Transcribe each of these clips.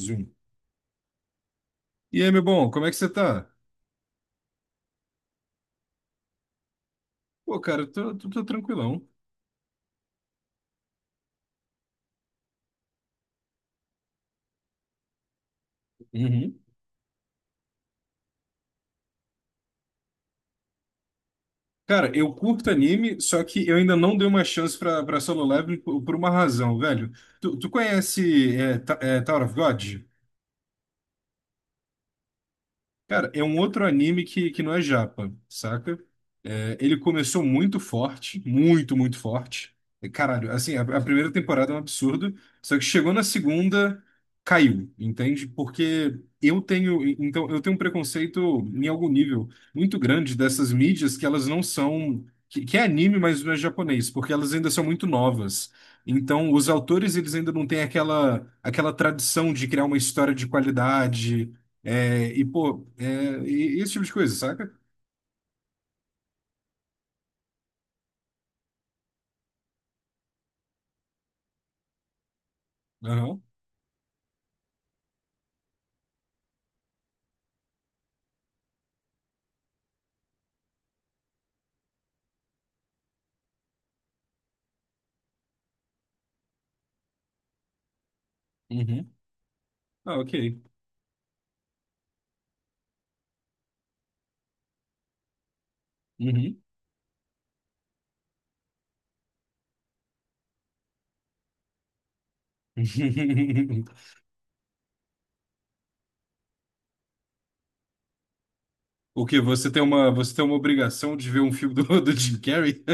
Zoom. E aí, meu bom, como é que você tá? Pô, cara, eu tô, tranquilão. Uhum. Cara, eu curto anime, só que eu ainda não dei uma chance pra, Solo Leveling por, uma razão, velho. Tu conhece Tower of God? Cara, é um outro anime que não é japa, saca? É, ele começou muito forte, muito, muito forte. Caralho, assim, a primeira temporada é um absurdo, só que chegou na segunda, caiu, entende? Porque eu tenho, então, eu tenho um preconceito em algum nível muito grande dessas mídias que elas não são, que é anime, mas não é japonês, porque elas ainda são muito novas. Então, os autores, eles ainda não têm aquela, aquela tradição de criar uma história de qualidade, é, e, pô, é, e esse tipo de coisa, saca? Aham. Uhum. Ah, ok. Uhum. O que Você tem uma obrigação de ver um filme do, Jim Carrey?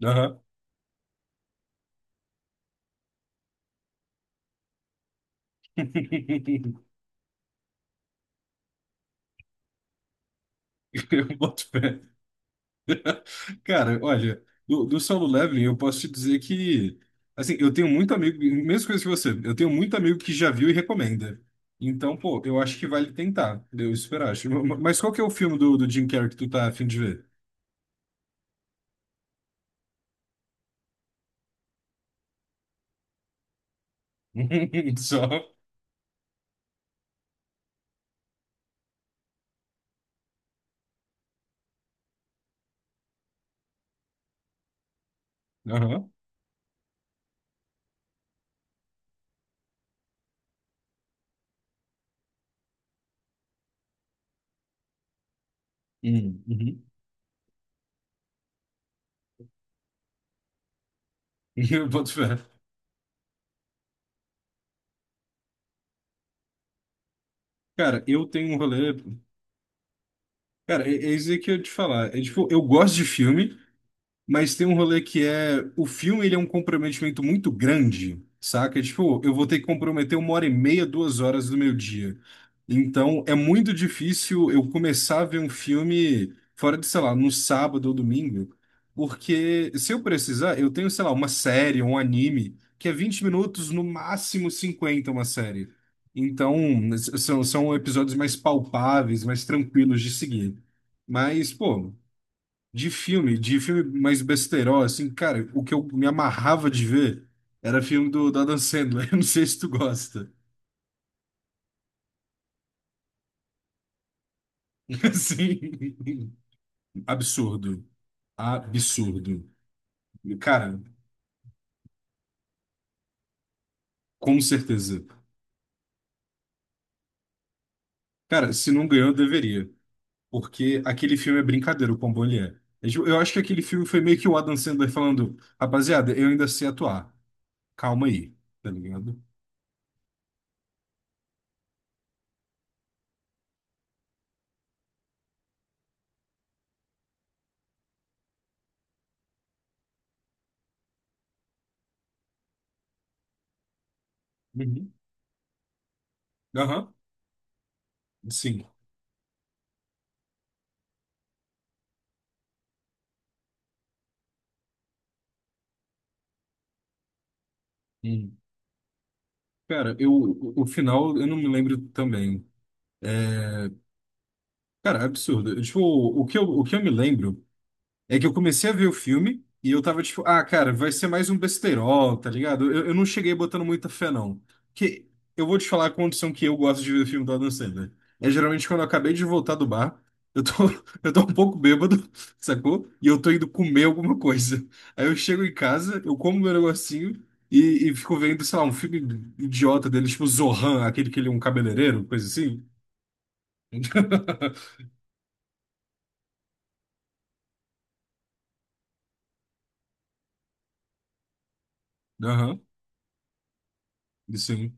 Aham. Eu boto fé. Cara, olha, do, Solo Leveling eu posso te dizer que, assim, eu tenho muito amigo, mesma coisa que você, eu tenho muito amigo que já viu e recomenda. Então, pô, eu acho que vale tentar, eu esperar. Acho- Mas qual que é o filme do, Jim Carrey que tu tá a fim de ver? Só. Aham. Uhum. Uhum. Eu boto fé. Cara, eu tenho um rolê. Cara, é isso aí que eu ia te falar. É tipo, eu gosto de filme. Mas tem um rolê que é, o filme ele é um comprometimento muito grande, saca? Tipo, eu vou ter que comprometer uma hora e meia, duas horas do meu dia. Então, é muito difícil eu começar a ver um filme fora de, sei lá, no sábado ou domingo, porque se eu precisar, eu tenho, sei lá, uma série, um anime, que é 20 minutos, no máximo 50 uma série. Então, são, são episódios mais palpáveis, mais tranquilos de seguir. Mas, pô. De filme mais besteirol, assim, cara, o que eu me amarrava de ver era filme do, Adam Sandler. Eu não sei se tu gosta. Assim, absurdo. Absurdo. Cara, com certeza. Cara, se não ganhou, deveria. Porque aquele filme é brincadeira, o quão bom ele é. É tipo, eu acho que aquele filme foi meio que o Adam Sandler falando, rapaziada, eu ainda sei atuar. Calma aí, tá ligado? Uhum. Aham, sim. Hum. Cara, eu, o final eu não me lembro também. É, cara, é absurdo. Tipo, o que eu me lembro é que eu comecei a ver o filme e eu tava tipo, ah, cara, vai ser mais um besterol, tá ligado? Eu não cheguei botando muita fé, não. Que eu vou te falar a condição que eu gosto de ver filme do Adam Sandler. É geralmente quando eu acabei de voltar do bar, eu tô, eu tô um pouco bêbado, sacou? E eu tô indo comer alguma coisa. Aí eu chego em casa, eu como meu negocinho e, fico vendo, sei lá, um filme idiota dele, tipo Zohan, aquele que ele é um cabeleireiro, coisa assim. Aham, isso aí.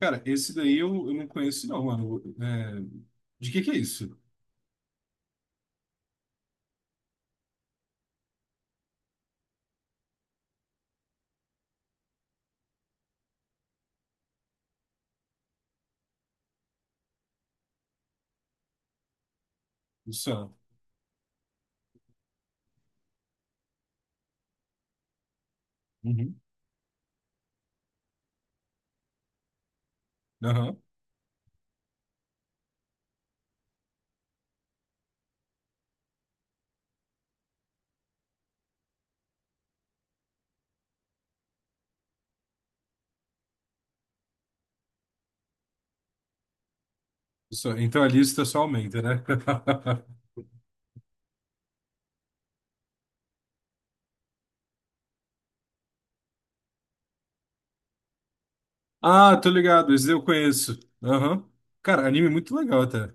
Cara, esse daí eu, não conheço, não, mano. É, de que é isso? Isso. Ó. Uhum. Aham. Isso. Ó. Então a lista só aumenta, né? Ah, tô ligado, esse daí eu conheço. Aham. Cara, anime é muito legal até.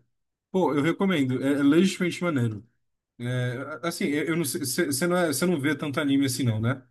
Pô, eu recomendo. É, é legitimamente maneiro. É, assim, eu, não sei. Você não, cê não vê tanto anime assim, não, né?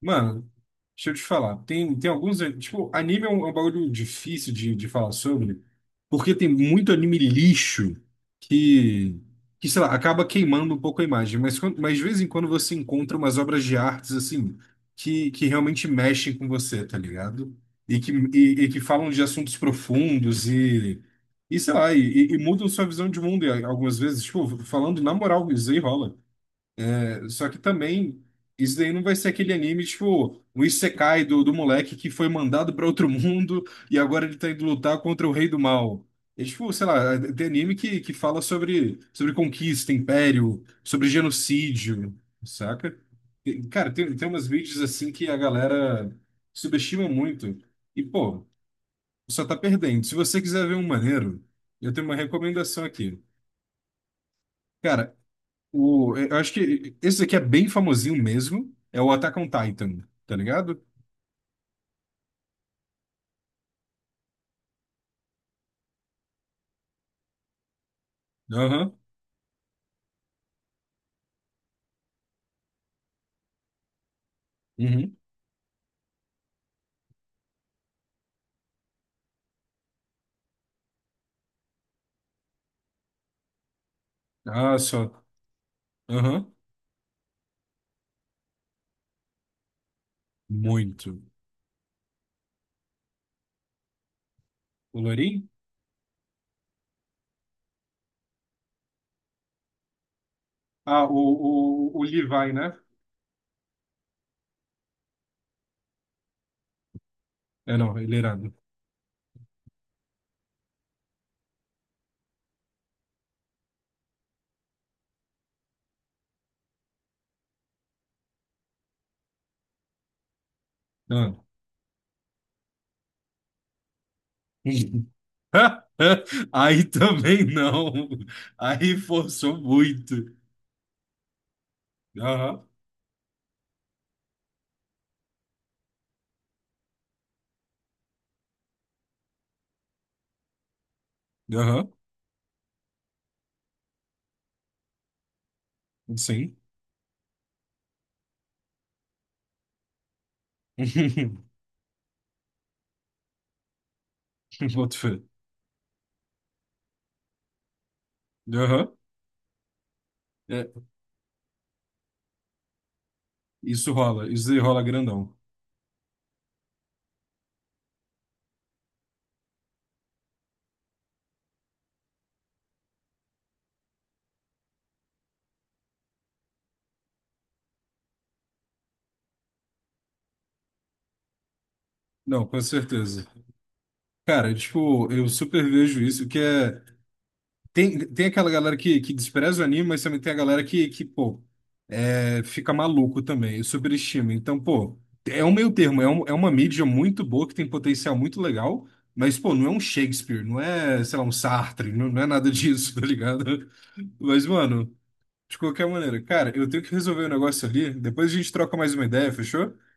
Mano, deixa eu te falar, tem, tem alguns. Tipo, anime é um bagulho difícil de, falar sobre, porque tem muito anime lixo que, que, sei lá, acaba queimando um pouco a imagem. Mas, mas de vez em quando você encontra umas obras de artes, assim, que realmente mexem com você, tá ligado? E que, e que falam de assuntos profundos e sei lá, e mudam sua visão de mundo e algumas vezes. Tipo, falando na moral, isso aí rola. Só que também, isso daí não vai ser aquele anime, tipo, o Isekai do, moleque que foi mandado para outro mundo e agora ele tá indo lutar contra o rei do mal. É tipo, sei lá, é, tem anime que fala sobre, sobre conquista, império, sobre genocídio, saca? E, cara, tem, tem umas vídeos assim que a galera subestima muito. E, pô, só tá perdendo. Se você quiser ver um maneiro, eu tenho uma recomendação aqui. Cara, o, é, eu acho que esse aqui é bem famosinho mesmo. É o Attack on Titan, tá ligado? Aham. Uhum. Ah, só. Aham. Muito. O Lorin? Ah, o, o Levi, né? É, não, ele era. Ah. Aí também não. Aí forçou muito. Aham. Aham. Sim. Boto fé. Aham. É, isso rola. Isso aí rola grandão. Não, com certeza. Cara, tipo, eu super vejo isso, que é. Tem, tem aquela galera que despreza o anime, mas também tem a galera que pô, é, fica maluco também, superestima. Então, pô, é um meio termo, é, um, é uma mídia muito boa, que tem potencial muito legal, mas, pô, não é um Shakespeare, não é, sei lá, um Sartre, não, não é nada disso, tá ligado? Mas, mano, de qualquer maneira, cara, eu tenho que resolver o negócio ali, depois a gente troca mais uma ideia, fechou?